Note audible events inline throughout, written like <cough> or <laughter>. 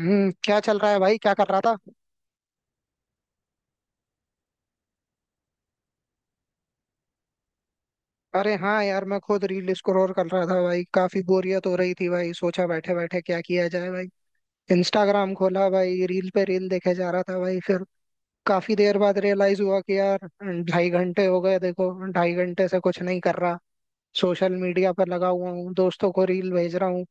हम्म। क्या चल रहा है भाई? क्या कर रहा था? अरे हाँ यार, मैं खुद रील स्क्रॉल कर रहा था भाई। काफी बोरियत हो रही थी भाई। सोचा बैठे बैठे क्या किया जाए भाई। इंस्टाग्राम खोला भाई, रील पे रील देखे जा रहा था भाई। फिर काफी देर बाद रियलाइज हुआ कि यार, ढाई घंटे हो गए। देखो, ढाई घंटे से कुछ नहीं कर रहा। सोशल मीडिया पर लगा हुआ हूँ, दोस्तों को रील भेज रहा हूँ,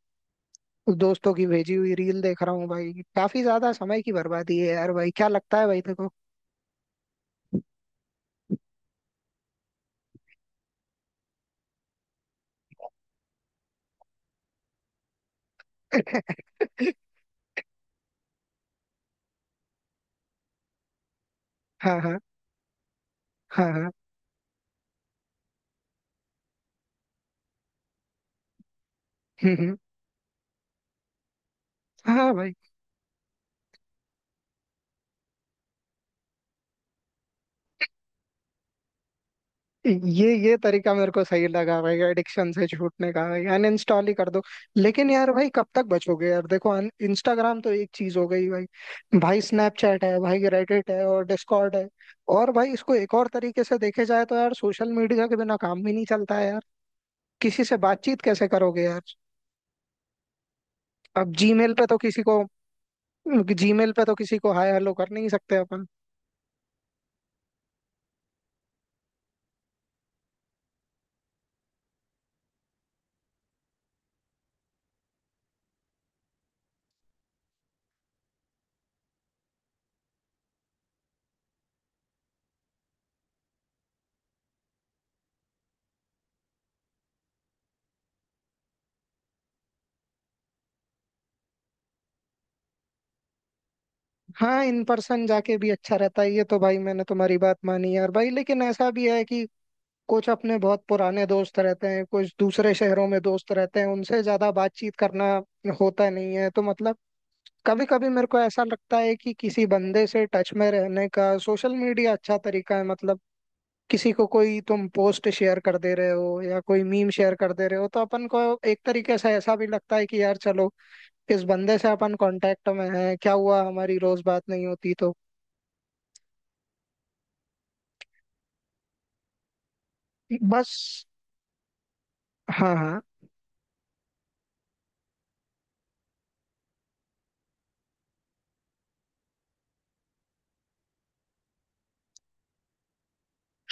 दोस्तों की भेजी हुई रील देख रहा हूँ भाई। काफी ज्यादा समय की बर्बादी है यार। भाई क्या लगता है भाई, देखो। <laughs> हाँ हाँ। हाँ हाँ। हम्म, हम्म। हाँ भाई। ये तरीका मेरे को सही लगा भाई, एडिक्शन से छूटने का। भाई अनइंस्टॉल ही कर दो। लेकिन यार भाई, कब तक बचोगे यार? देखो, इंस्टाग्राम तो एक चीज हो गई भाई। भाई स्नैपचैट है, भाई रेडिट है और डिस्कॉर्ड है। और भाई इसको एक और तरीके से देखे जाए तो यार, सोशल मीडिया के बिना काम भी नहीं चलता है यार। किसी से बातचीत कैसे करोगे यार? अब जीमेल पे तो किसी को, जीमेल पे तो किसी को हाय हेलो कर नहीं सकते अपन। हाँ, इन पर्सन जाके भी अच्छा रहता है, ये तो। भाई मैंने तुम्हारी बात मानी यार भाई, लेकिन ऐसा भी है कि कुछ अपने बहुत पुराने दोस्त रहते हैं, कुछ दूसरे शहरों में दोस्त रहते हैं, उनसे ज्यादा बातचीत करना होता नहीं है, तो मतलब कभी कभी मेरे को ऐसा लगता है कि किसी बंदे से टच में रहने का सोशल मीडिया अच्छा तरीका है मतलब। किसी को कोई तुम पोस्ट शेयर कर दे रहे हो या कोई मीम शेयर कर दे रहे हो तो अपन को एक तरीके से ऐसा भी लगता है कि यार चलो, इस बंदे से अपन कांटेक्ट में हैं, क्या हुआ हमारी रोज बात नहीं होती तो। बस। हाँ हाँ।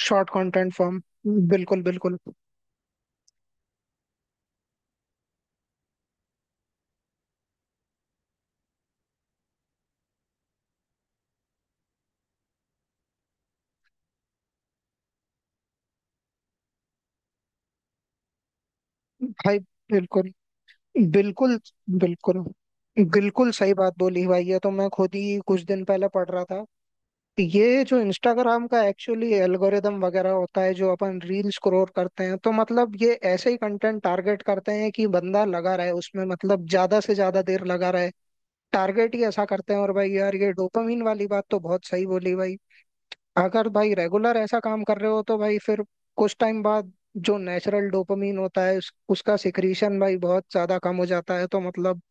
Short content form. बिल्कुल बिल्कुल। भाई बिल्कुल। बिल्कुल। बिल्कुल। बिल्कुल सही बात बोली भाई। ये तो मैं खुद ही कुछ दिन पहले पढ़ रहा था। ये जो इंस्टाग्राम का एक्चुअली एल्गोरिदम वगैरह होता है, जो अपन रील स्क्रॉल करते हैं, तो मतलब ये ऐसे ही कंटेंट टारगेट करते हैं कि बंदा लगा रहे उसमें, मतलब ज्यादा से ज्यादा देर लगा रहे। टारगेट ही ऐसा करते हैं। और भाई यार, ये डोपामिन वाली बात तो बहुत सही बोली भाई। अगर भाई रेगुलर ऐसा काम कर रहे हो तो भाई फिर कुछ टाइम बाद जो नेचुरल डोपामिन होता है उसका सिक्रीशन भाई बहुत ज्यादा कम हो जाता है, तो मतलब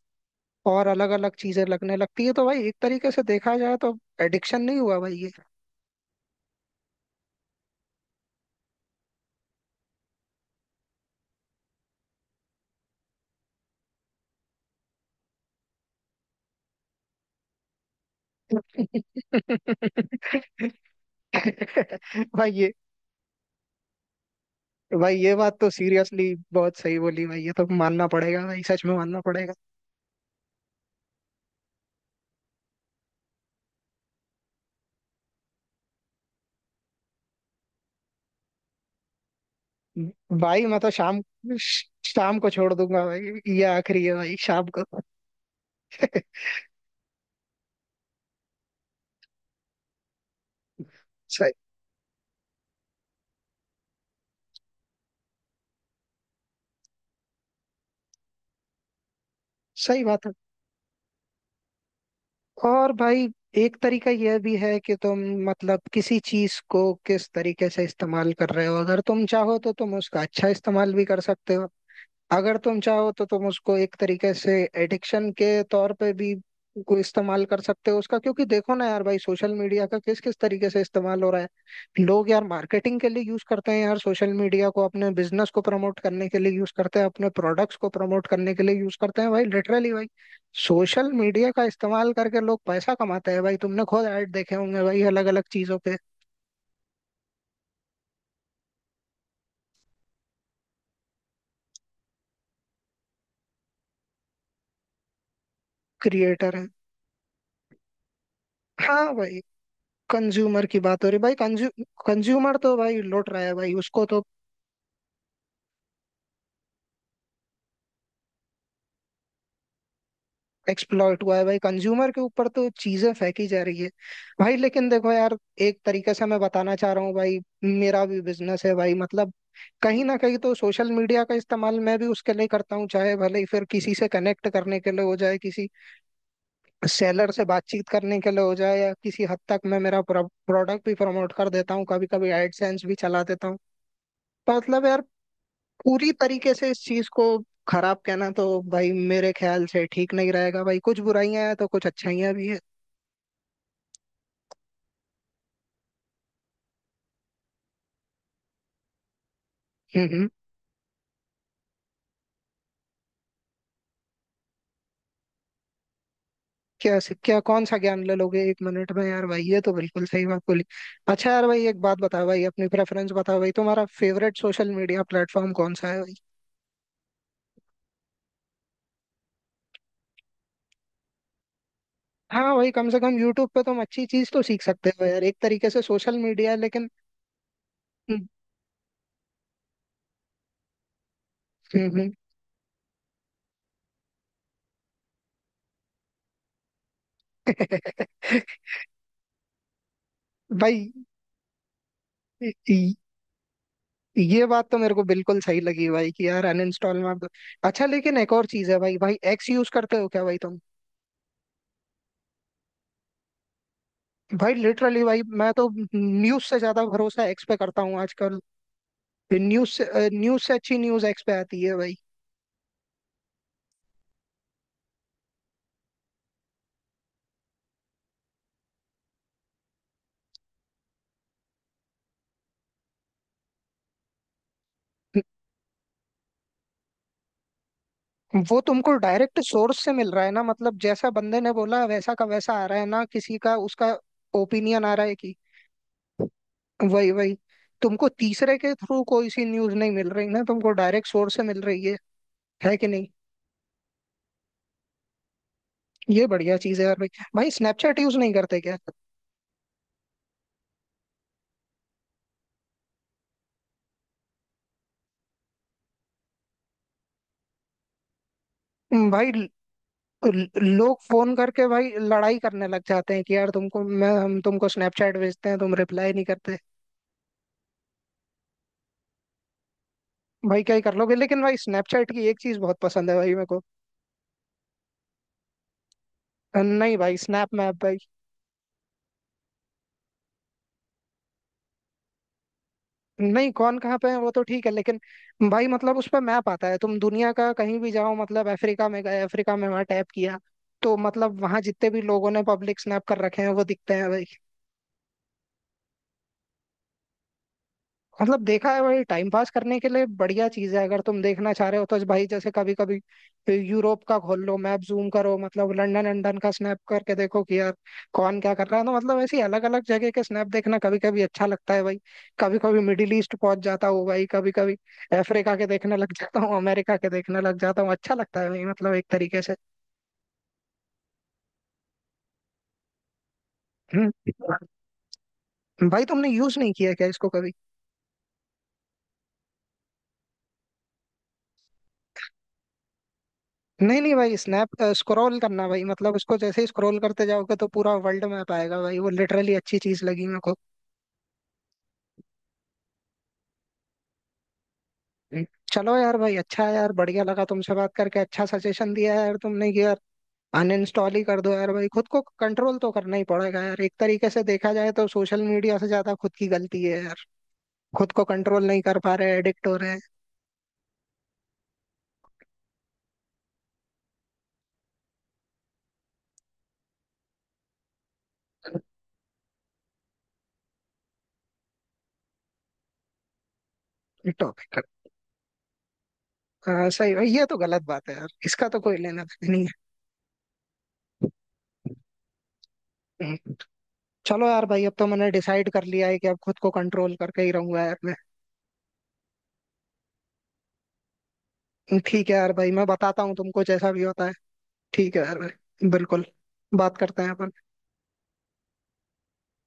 और अलग अलग चीजें लगने लगती है। तो भाई एक तरीके से देखा जाए तो एडिक्शन नहीं हुआ भाई ये? <laughs> भाई ये भाई ये बात तो सीरियसली बहुत सही बोली भाई। ये तो मानना पड़ेगा भाई, सच में मानना पड़ेगा। भाई मैं तो शाम शाम को छोड़ दूंगा भाई। ये आखिरी है भाई, शाम को। <laughs> सही। सही बात है। और भाई एक तरीका यह भी है कि तुम, मतलब किसी चीज को किस तरीके से इस्तेमाल कर रहे हो, अगर तुम चाहो तो तुम उसका अच्छा इस्तेमाल भी कर सकते हो। अगर तुम चाहो तो तुम उसको एक तरीके से एडिक्शन के तौर पे भी को इस्तेमाल कर सकते हो उसका। क्योंकि देखो ना यार भाई, सोशल मीडिया का किस किस तरीके से इस्तेमाल हो रहा है। लोग यार मार्केटिंग के लिए यूज करते हैं यार सोशल मीडिया को, अपने बिजनेस को प्रमोट करने के लिए यूज करते हैं, अपने प्रोडक्ट्स को प्रमोट करने के लिए यूज करते हैं भाई। लिटरली भाई सोशल मीडिया का इस्तेमाल करके लोग पैसा कमाते हैं भाई। तुमने खुद ऐड देखे होंगे भाई अलग अलग चीजों के। क्रिएटर हैं। हाँ भाई। कंज्यूमर की बात हो रही भाई। कंज्यूमर तो भाई लौट रहा है भाई, उसको तो। एक्सप्लॉइट हुआ है भाई। कंज्यूमर के ऊपर तो चीजें फेंकी जा रही है भाई। लेकिन देखो यार, एक तरीके से मैं बताना चाह रहा हूँ भाई। मेरा भी बिजनेस है भाई मतलब, कहीं ना कहीं तो सोशल मीडिया का इस्तेमाल मैं भी उसके लिए करता हूँ, चाहे भले ही फिर किसी से कनेक्ट करने के लिए हो जाए, किसी सेलर से बातचीत करने के लिए हो जाए, या किसी हद तक मैं मेरा प्रोडक्ट भी प्रमोट कर देता हूँ, कभी कभी एडसेंस भी चला देता हूँ। तो मतलब यार, पूरी तरीके से इस चीज को खराब कहना तो भाई मेरे ख्याल से ठीक नहीं रहेगा भाई। कुछ बुराइयां हैं तो कुछ अच्छाइयां भी है। हम्म। क्या क्या कौन सा ज्ञान ले लोगे एक मिनट में यार भाई? ये तो बिल्कुल सही बात बोली। अच्छा यार भाई, एक बात बताओ भाई, अपनी प्रेफरेंस बताओ भाई। तुम्हारा फेवरेट सोशल मीडिया प्लेटफॉर्म कौन सा है भाई? हाँ भाई, कम से कम यूट्यूब पे तुम अच्छी चीज तो सीख सकते हो यार। एक तरीके से सोशल मीडिया है, लेकिन। हम्म। हम्म। <laughs> भाई ये ये बात तो मेरे को बिल्कुल सही लगी भाई कि यार अनइंस्टॉल मत। अच्छा, लेकिन एक और चीज है भाई। भाई एक्स यूज करते हो क्या भाई तुम? भाई लिटरली भाई, मैं तो न्यूज से ज्यादा भरोसा एक्स पे करता हूँ आजकल। न्यूज से अच्छी न्यूज एक्स पे आती है भाई। वो तुमको डायरेक्ट सोर्स से मिल रहा है ना, मतलब जैसा बंदे ने बोला वैसा का वैसा आ रहा है ना, किसी का उसका ओपिनियन आ रहा है कि? वही वही। तुमको तीसरे के थ्रू कोई सी न्यूज नहीं मिल रही ना, तुमको डायरेक्ट सोर्स से मिल रही है। है कि नहीं? ये बढ़िया चीज है यार भाई। भाई स्नैपचैट यूज नहीं करते क्या? भाई लोग फोन करके भाई लड़ाई करने लग जाते हैं कि यार तुमको मैं, हम तुमको स्नैपचैट भेजते हैं तुम रिप्लाई नहीं करते। भाई क्या ही कर लोगे। लेकिन भाई स्नैपचैट की एक चीज बहुत पसंद है भाई मेरे को। नहीं भाई, स्नैप मैप भाई। नहीं, कौन कहाँ पे है वो तो ठीक है, लेकिन भाई मतलब उस पर मैप आता है, तुम दुनिया का कहीं भी जाओ। मतलब अफ्रीका में गए, अफ्रीका में वहां टैप किया, तो मतलब वहां जितने भी लोगों ने पब्लिक स्नैप कर रखे हैं वो दिखते हैं भाई। मतलब देखा है भाई, टाइम पास करने के लिए बढ़िया चीज है, अगर तुम देखना चाह रहे हो तो भाई। जैसे कभी कभी यूरोप का खोल लो मैप, जूम करो, मतलब लंदन लंदन का स्नैप करके देखो कि यार कौन क्या कर रहा है। तो मतलब ऐसी अलग अलग जगह के स्नैप देखना कभी कभी अच्छा लगता है भाई। कभी कभी मिडिल ईस्ट पहुंच जाता हूँ भाई, कभी कभी अफ्रीका के देखने लग जाता हूँ, अमेरिका के देखने लग जाता हूँ। अच्छा लगता है भाई मतलब, एक तरीके से। हम्म। भाई तुमने यूज नहीं किया क्या इसको कभी? नहीं नहीं भाई, स्नैप स्क्रॉल करना भाई, मतलब उसको जैसे ही स्क्रॉल करते जाओगे तो पूरा वर्ल्ड मैप आएगा भाई। वो लिटरली अच्छी चीज लगी मेरे को। हम्म। चलो यार भाई, अच्छा है यार, बढ़िया लगा तुमसे बात करके। अच्छा सजेशन दिया है यार तुमने कि यार अनइंस्टॉल ही कर दो यार भाई। खुद को कंट्रोल तो करना ही पड़ेगा यार। एक तरीके से देखा जाए तो सोशल मीडिया से ज्यादा खुद की गलती है यार। खुद को कंट्रोल नहीं कर पा रहे, एडिक्ट हो रहे हैं। टॉपिक सही भाई। ये तो गलत बात है यार, इसका तो कोई लेना देना नहीं है। हम्म। चलो यार भाई, अब तो मैंने डिसाइड कर लिया है कि अब खुद को कंट्रोल करके ही रहूंगा यार। ठीक है यार भाई, मैं बताता हूँ तुमको जैसा भी होता है। ठीक है यार भाई, बिल्कुल। बात करते हैं अपन।